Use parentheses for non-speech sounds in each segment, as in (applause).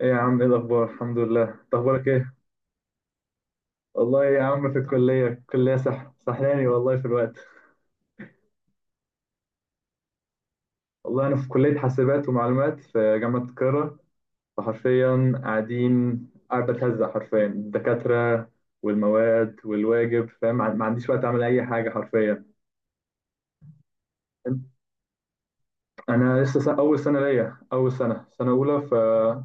ايه يا عم، ايه الاخبار؟ الحمد لله. انت اخبارك ايه؟ والله يا عم في الكليه سحلاني والله في الوقت. والله انا في كليه حاسبات ومعلومات في جامعه القاهره. فحرفيا قاعد بتهزق حرفيا الدكاتره والمواد والواجب، فاهم؟ ما عنديش وقت اعمل اي حاجه حرفيا. انا لسه سنة، اول سنه ليا اول سنه سنه اولى فقطعت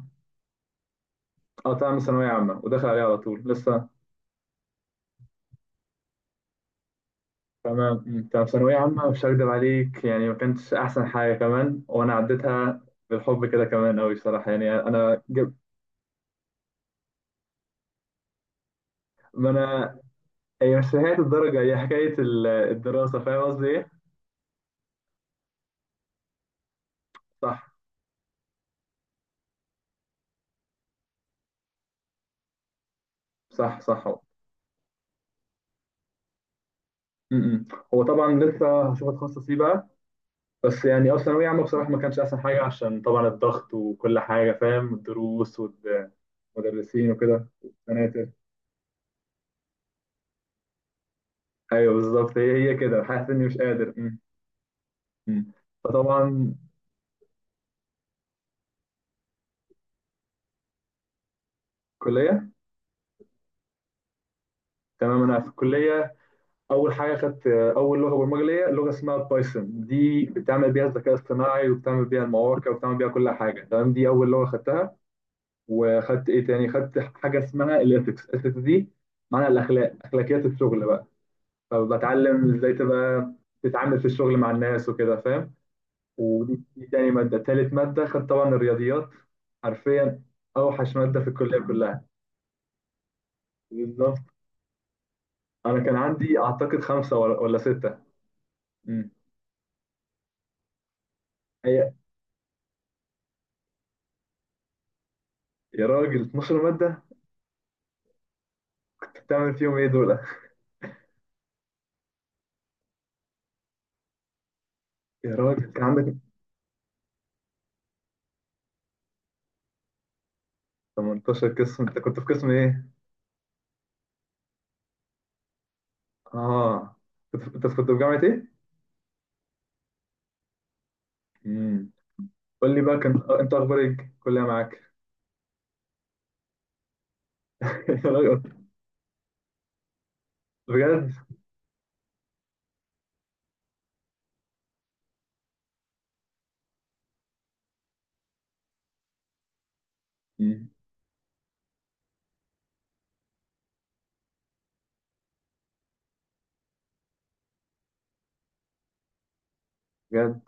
من ثانويه عامه وداخل عليها على طول لسه. تمام. مم. طب ثانوية عامة مش هكدب عليك، يعني ما كانتش أحسن حاجة، كمان وأنا عديتها بالحب كده كمان أوي صراحة، يعني أنا جبت. ما أنا هي مش حكاية الدرجة، هي حكاية الدراسة. فاهم قصدي إيه؟ صح، صح، صح. م-م. هو طبعا لسه هشوف أتخصص إيه بقى. بس يعني أه، ثانوية عامة بصراحة ما كانتش أحسن حاجة عشان طبعا الضغط وكل حاجة، فاهم؟ الدروس والمدرسين وكده والسناتر. أيوه بالظبط. هي كده حاسس إني مش قادر. م-م. فطبعا، كلية، تمام انا في الكليه، اول حاجه خدت اول لغه برمجه ليا، لغه اسمها بايثون. دي بتعمل بيها الذكاء الاصطناعي وبتعمل بيها المواقع وبتعمل بيها كل حاجه، تمام. دي اول لغه خدتها. وخدت ايه تاني، خدت حاجه اسمها الاثكس. الاثكس دي معناها الاخلاق، اخلاقيات الشغل بقى. فبتعلم ازاي تبقى تتعامل في الشغل مع الناس وكده، فاهم. ودي تاني ماده، تالت ماده خدت طبعا الرياضيات، حرفيا اوحش ماده في الكليه كلها. بالظبط. انا كان عندي اعتقد خمسه ولا سته. مم. هي يا راجل 12 مادة! بتعمل فيهم ايه دول؟ يا راجل كان عندك 18 قسم! انت كنت في قسم ايه؟ اه، انت كنت في جامعة ايه؟ امم. قول لي بقى، كان انت اخبار ايه، الكلية معاك؟ (laughs) يا راجل! بجد؟ مم. بجد.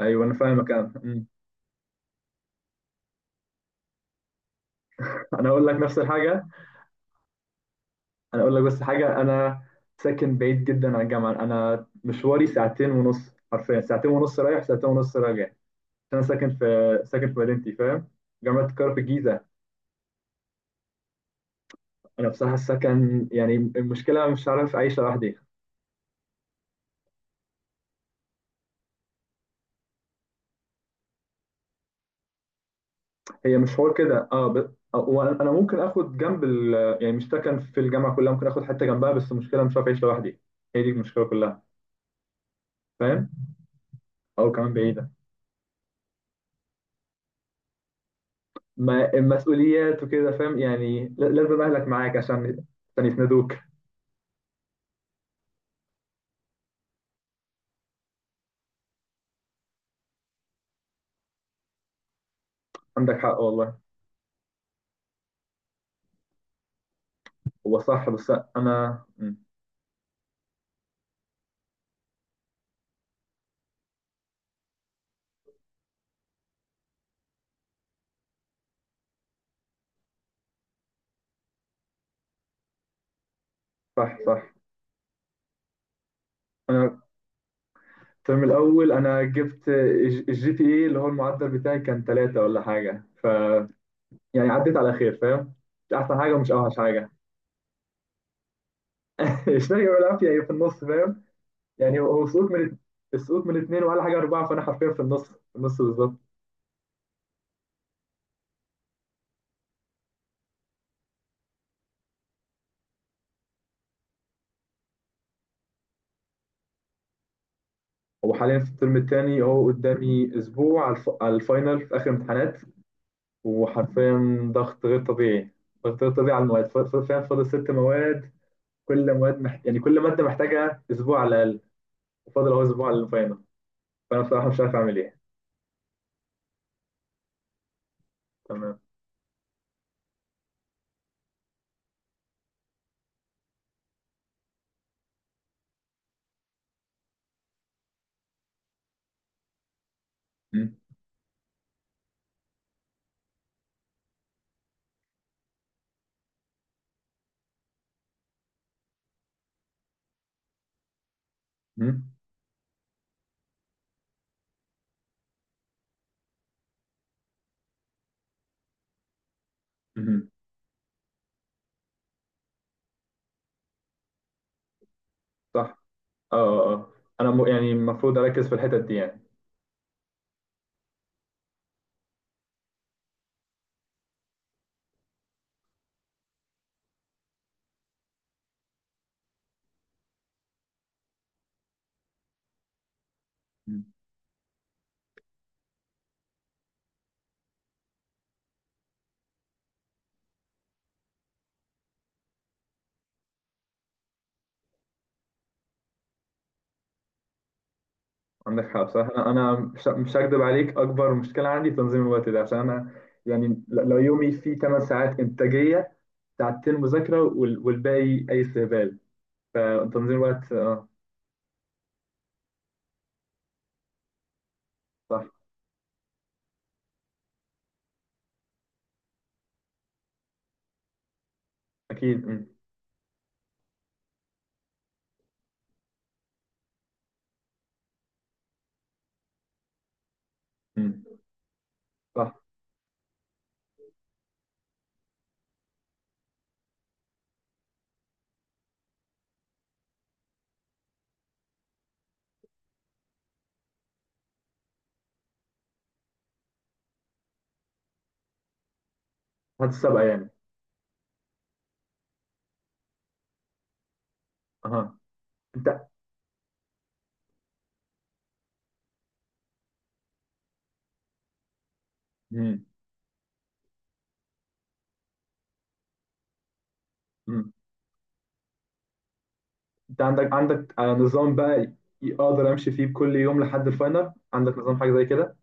ايوه انا فاهمك. انا مم. انا اقول لك نفس الحاجة. انا اقول لك بس حاجة، انا ساكن بعيد جدا عن الجامعة. انا مشواري ساعتين ونص، حرفيا ساعتين ونص رايح ساعتين ونص راجع، عشان انا ساكن في مدينتي فاهم؟ جامعة القاهرة في الجيزة. انا بصراحه السكن يعني المشكله انا مش عارف اعيش لوحدي. هي مش حوار كده اه، وانا ممكن اخد جنب ال، يعني مش سكن في الجامعه كلها، ممكن اخد حته جنبها بس المشكله مش عارف اعيش لوحدي. هي دي المشكله كلها. فاهم، او كمان بعيده. ما المسؤوليات وكده، فاهم؟ يعني لازم اهلك معاك عشان عشان يسندوك. عندك حق والله. هو صح بس. انا مم. صح، صح. انا الترم الاول انا جبت الجي تي اي اللي هو المعدل بتاعي كان ثلاثة ولا حاجه، ف يعني عديت على خير، فاهم. مش احسن حاجه ومش اوحش حاجه. (laughs) الشهي والعافيه هي في النص، فاهم؟ يعني هو سقوط من، السقوط من اتنين ولا حاجه اربعه، فانا حرفيا في النص، في النص بالظبط. وحاليا في الترم الثاني اهو، قدامي اسبوع على الفاينل في اخر امتحانات. وحرفيا ضغط غير طبيعي، ضغط غير طبيعي على المواد، فاهم؟ فاضل ست مواد. يعني كل ماده محتاجه اسبوع على الاقل، وفاضل اهو اسبوع على الفاينل. فانا بصراحه مش عارف اعمل ايه. تمام. م- م- م- صح. اه، اه، آه. انا يعني المفروض اركز في الحتت دي يعني. مم. عندك حق بصراحه. انا مش هكدب عليك، اكبر مشكله عندي تنظيم الوقت ده. عشان انا يعني لو يومي فيه 8 ساعات انتاجيه، ساعتين مذاكره والباقي اي استهبال. فتنظيم الوقت اه. صح. اكيد، مم. مم. صح. هتسابقه يعني. اها. انت مم. مم. انت عندك آه، نظام بقى، اقدر امشي فيه كل يوم لحد الفاينل؟ عندك نظام حاجه زي كده؟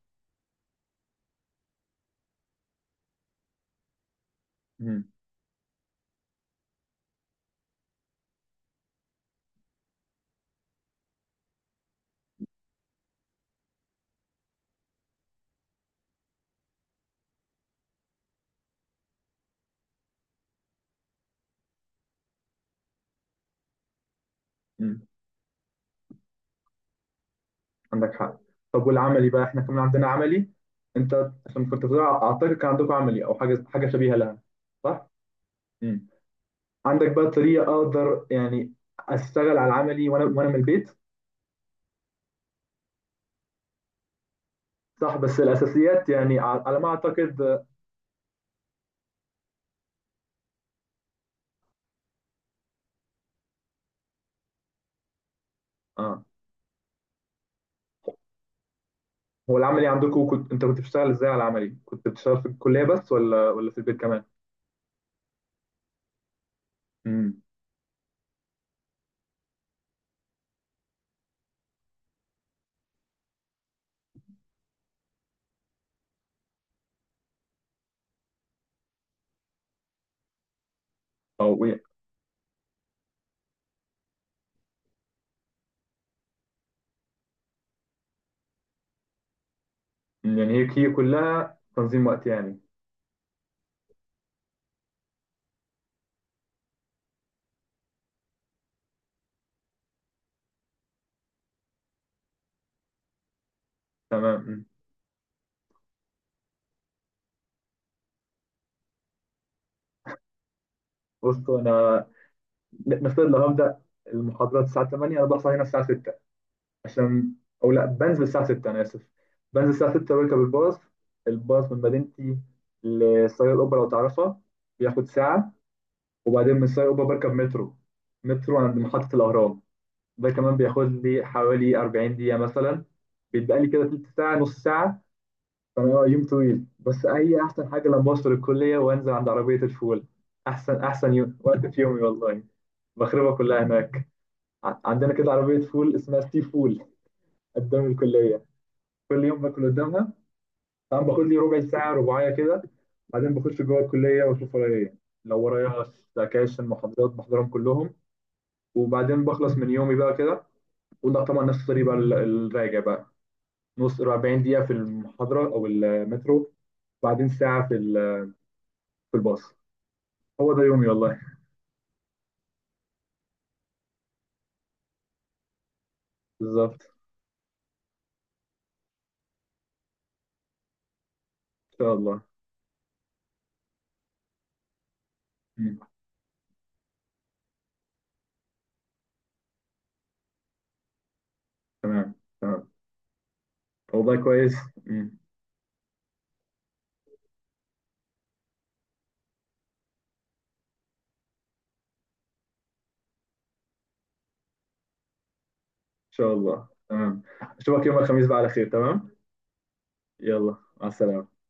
مم. مم. عندك حق. طب والعملي بقى احنا كمان عندنا عملي. انت عشان كنت بتقول اعتقد كان عندكم عملي او حاجه شبيهه لها، صح؟ امم. عندك بقى طريقه اقدر يعني اشتغل على العملي وانا من البيت؟ صح بس الاساسيات يعني، على ما اعتقد. اه. هو العملي عندكم، انت كنت بتشتغل ازاي على العملي؟ كنت بتشتغل في الكليه بس ولا في البيت كمان؟ امم. او إيه؟ يعني هي كلها تنظيم وقت يعني. تمام. مم. بصوا انا نفترض لو هبدا المحاضرات الساعه 8، انا بصحى هنا الساعه 6 عشان، او لا، بنزل الساعه 6. انا اسف، بنزل الساعه 6 بركب الباص. الباص من مدينتي لسرايا القبه لو تعرفها، بياخد ساعه. وبعدين من سرايا القبه بركب مترو، مترو عند محطه الاهرام، ده كمان بياخد لي حوالي 40 دقيقه مثلا. بيتبقى لي كده تلت ساعه، نص ساعه. فانا آه، يوم طويل. بس هي احسن حاجه لما بوصل الكليه وانزل عند عربيه الفول، احسن احسن يوم وقت في يومي والله. بخربها كلها هناك. عندنا كده عربيه فول اسمها سي فول قدام الكليه، كل يوم باكل قدامها. طبعا باخد لي ربع ساعه رباعيه كده، بعدين بخش جوه الكليه واشوف ورايا ايه. لو ورايا سكاشن محاضرات بحضرهم كلهم، وبعدين بخلص من يومي بقى كده. وده طبعا نفس الطريق بقى، الراجع بقى، نص 40 دقيقه في المحاضره او المترو، بعدين ساعه في في الباص. هو ده يومي والله. بالظبط. ان شاء الله. مم. تمام. تمام. والله كويس. مم. ان شاء الله. تمام. اشوفك يوم الخميس بقى على خير. تمام. يلا مع السلامه.